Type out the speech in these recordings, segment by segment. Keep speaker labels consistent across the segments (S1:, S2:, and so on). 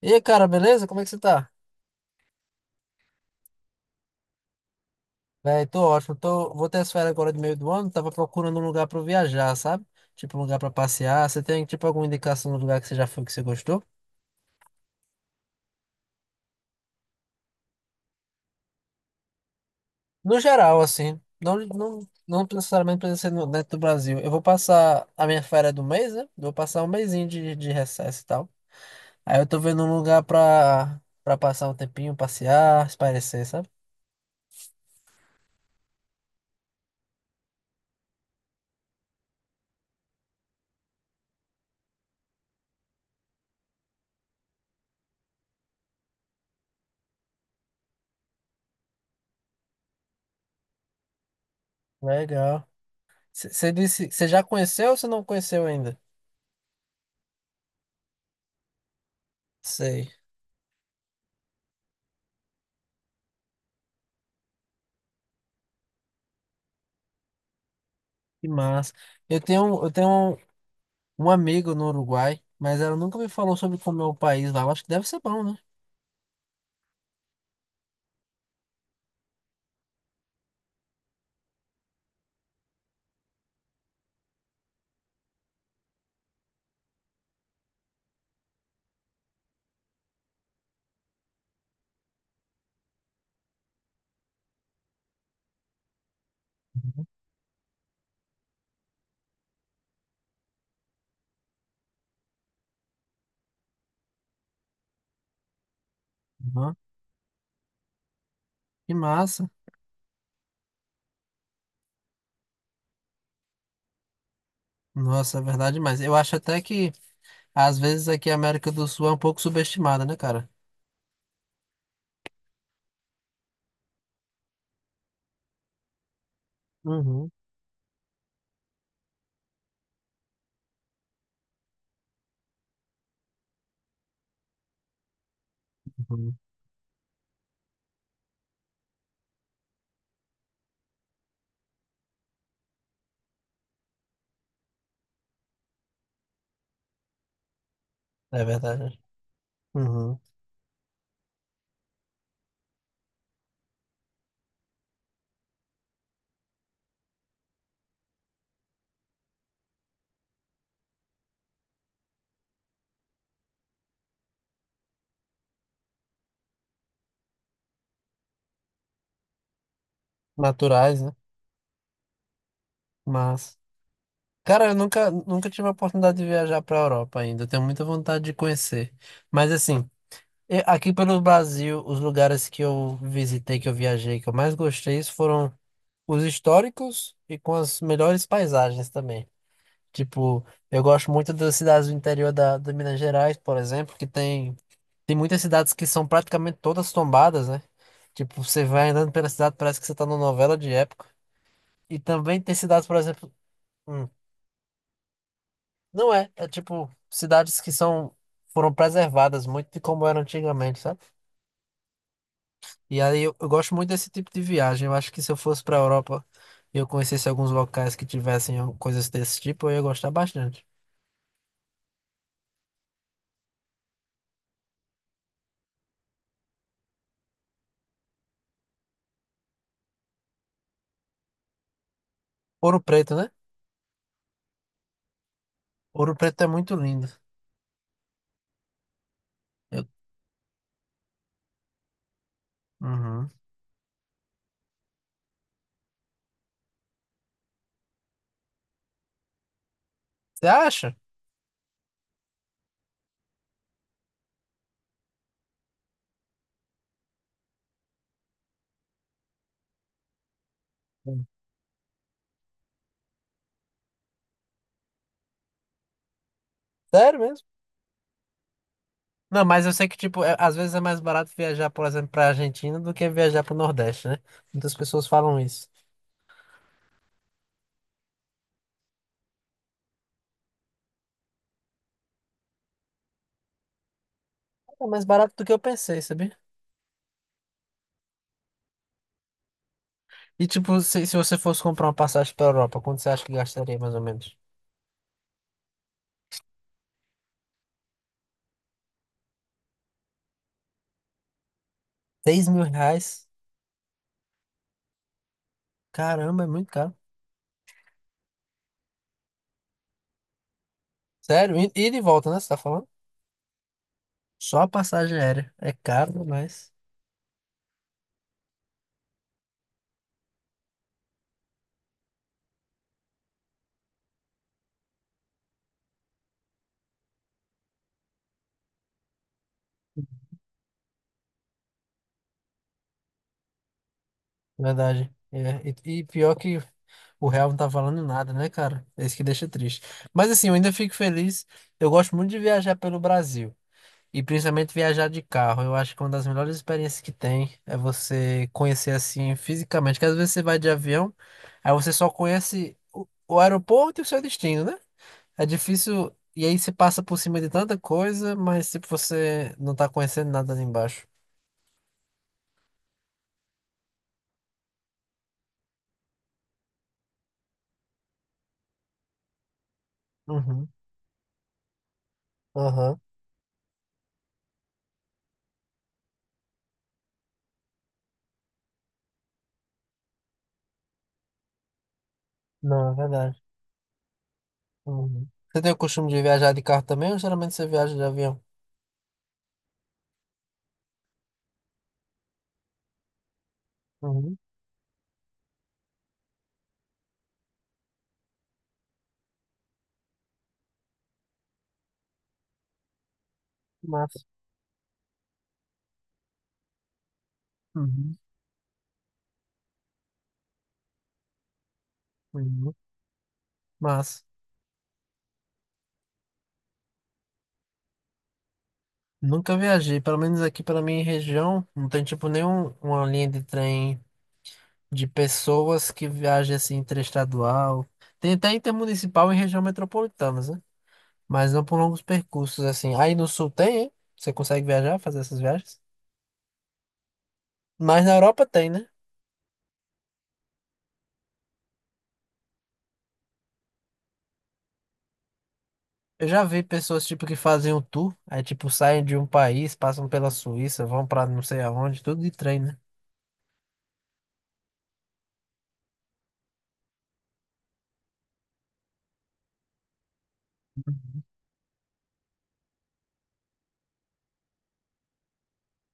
S1: E aí, cara, beleza? Como é que você tá? Véi, tô ótimo. Tô... Vou ter as férias agora de meio do ano. Tava procurando um lugar pra eu viajar, sabe? Tipo, um lugar pra passear. Você tem, tipo, alguma indicação de lugar que você já foi que você gostou? No geral, assim. Não, não, não necessariamente precisa ser dentro do Brasil. Eu vou passar a minha férias do mês, né? Vou passar um mesinho de recesso e tal. Aí eu tô vendo um lugar pra passar um tempinho, passear, espairecer, sabe? Legal. Você disse, você já conheceu ou você não conheceu ainda? Sei. Que massa. Eu tenho um amigo no Uruguai, mas ela nunca me falou sobre como é o país lá. Eu acho que deve ser bom, né? Uhum. Uhum. Que massa. Nossa, é verdade, mas eu acho até que, às vezes, aqui a América do Sul é um pouco subestimada, né, cara? Uhum. Uhum. É verdade. Uhum. Naturais, né? Mas, cara, eu nunca tive a oportunidade de viajar para a Europa ainda. Eu tenho muita vontade de conhecer. Mas, assim, aqui pelo Brasil, os lugares que eu visitei, que eu viajei, que eu mais gostei, foram os históricos e com as melhores paisagens também. Tipo, eu gosto muito das cidades do interior da Minas Gerais, por exemplo, que tem, tem muitas cidades que são praticamente todas tombadas, né? Tipo, você vai andando pela cidade, parece que você tá numa novela de época. E também tem cidades, por exemplo, hum, não é, é tipo cidades que são foram preservadas muito de como eram antigamente, sabe? E aí eu gosto muito desse tipo de viagem. Eu acho que se eu fosse para Europa e eu conhecesse alguns locais que tivessem coisas desse tipo, eu ia gostar bastante. Ouro Preto, né? Ouro Preto é muito lindo. Eu- Uhum. Você acha? Hum. Sério mesmo? Não, mas eu sei que, tipo, às vezes é mais barato viajar, por exemplo, pra Argentina do que viajar pro Nordeste, né? Muitas pessoas falam isso. É mais barato do que eu pensei, sabia? E, tipo, se você fosse comprar uma passagem pra Europa, quanto você acha que gastaria, mais ou menos? 6 mil reais? Caramba, é muito caro. Sério? E de volta, né? Você tá falando? Só a passagem aérea. É caro, mas. Verdade. É. E pior que o real não tá falando nada, né, cara? É isso que deixa triste. Mas assim, eu ainda fico feliz. Eu gosto muito de viajar pelo Brasil. E principalmente viajar de carro. Eu acho que uma das melhores experiências que tem é você conhecer assim fisicamente. Porque às vezes você vai de avião, aí você só conhece o aeroporto e o seu destino, né? É difícil, e aí você passa por cima de tanta coisa, mas tipo, você não tá conhecendo nada ali embaixo. Uhum. Aham. Não, é verdade. Uhum. Você tem o costume de viajar de carro também ou geralmente você viaja de avião? Uhum. Massa. Uhum. Uhum. Massa. Nunca viajei, pelo menos aqui pela minha região, não tem tipo nenhum uma linha de trem de pessoas que viajem assim interestadual. Tem até intermunicipal em região metropolitana, né? Mas não por longos percursos, assim. Aí no sul tem, hein? Você consegue viajar, fazer essas viagens? Mas na Europa tem, né? Eu já vi pessoas, tipo, que fazem um tour, aí, tipo, saem de um país, passam pela Suíça, vão pra não sei aonde, tudo de trem, né?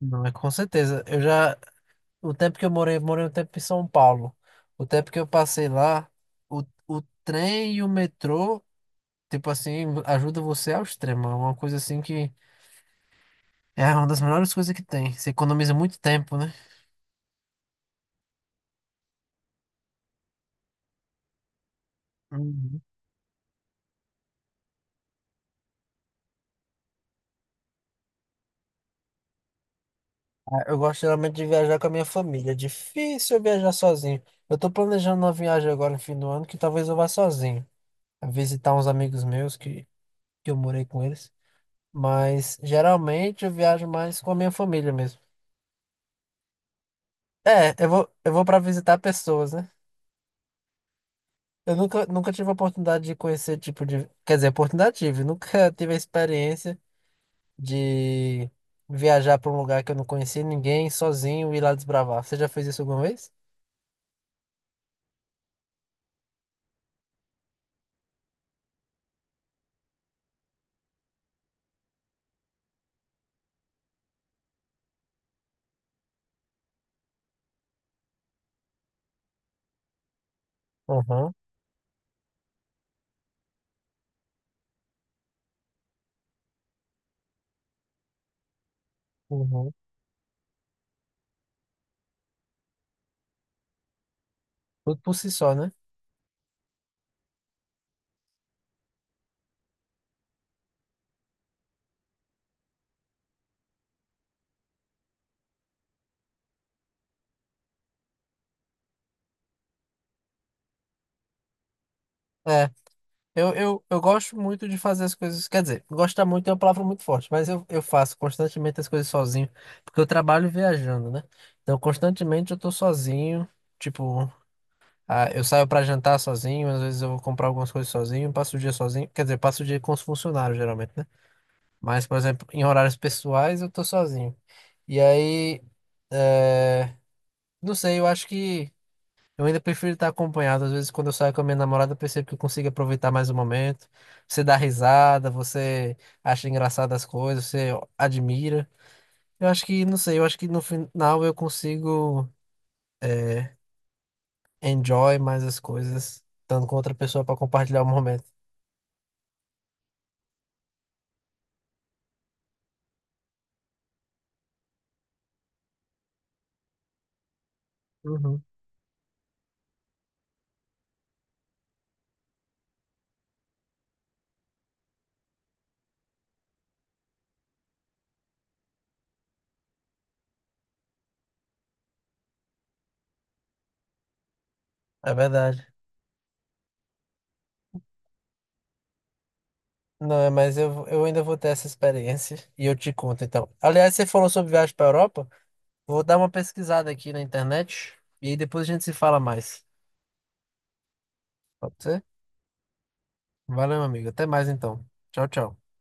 S1: Não, é com certeza. Eu já, o tempo que eu morei um tempo em São Paulo. O tempo que eu passei lá, o trem e o metrô, tipo assim, ajuda você ao extremo. É uma coisa assim que é uma das melhores coisas que tem. Você economiza muito tempo, né? Uhum. Ah, eu gosto geralmente de viajar com a minha família. É difícil eu viajar sozinho. Eu tô planejando uma viagem agora no fim do ano que talvez eu vá sozinho. Visitar uns amigos meus que eu morei com eles. Mas geralmente eu viajo mais com a minha família mesmo. É, eu vou para visitar pessoas, né? Eu nunca tive a oportunidade de conhecer tipo de. Quer dizer, oportunidade tive. Nunca tive a experiência de viajar para um lugar que eu não conhecia ninguém, sozinho e ir lá desbravar. Você já fez isso alguma vez? Aham, uhum, tudo por si só, né? É, eu gosto muito de fazer as coisas. Quer dizer, gostar muito é uma palavra muito forte, mas eu faço constantemente as coisas sozinho, porque eu trabalho viajando, né? Então, constantemente eu tô sozinho. Tipo, ah, eu saio pra jantar sozinho, às vezes eu vou comprar algumas coisas sozinho, passo o dia sozinho. Quer dizer, passo o dia com os funcionários, geralmente, né? Mas, por exemplo, em horários pessoais eu tô sozinho. E aí, é, não sei, eu acho que. Eu ainda prefiro estar acompanhado. Às vezes, quando eu saio com a minha namorada, eu percebo que eu consigo aproveitar mais o momento. Você dá risada, você acha engraçado as coisas, você admira. Eu acho que, não sei, eu acho que no final eu consigo enjoy mais as coisas, estando com outra pessoa para compartilhar o momento. Uhum. É verdade. Não, é, mas eu ainda vou ter essa experiência e eu te conto então. Aliás, você falou sobre viagem para Europa, vou dar uma pesquisada aqui na internet e aí depois a gente se fala mais. Pode ser? Valeu, amigo. Até mais então. Tchau, tchau.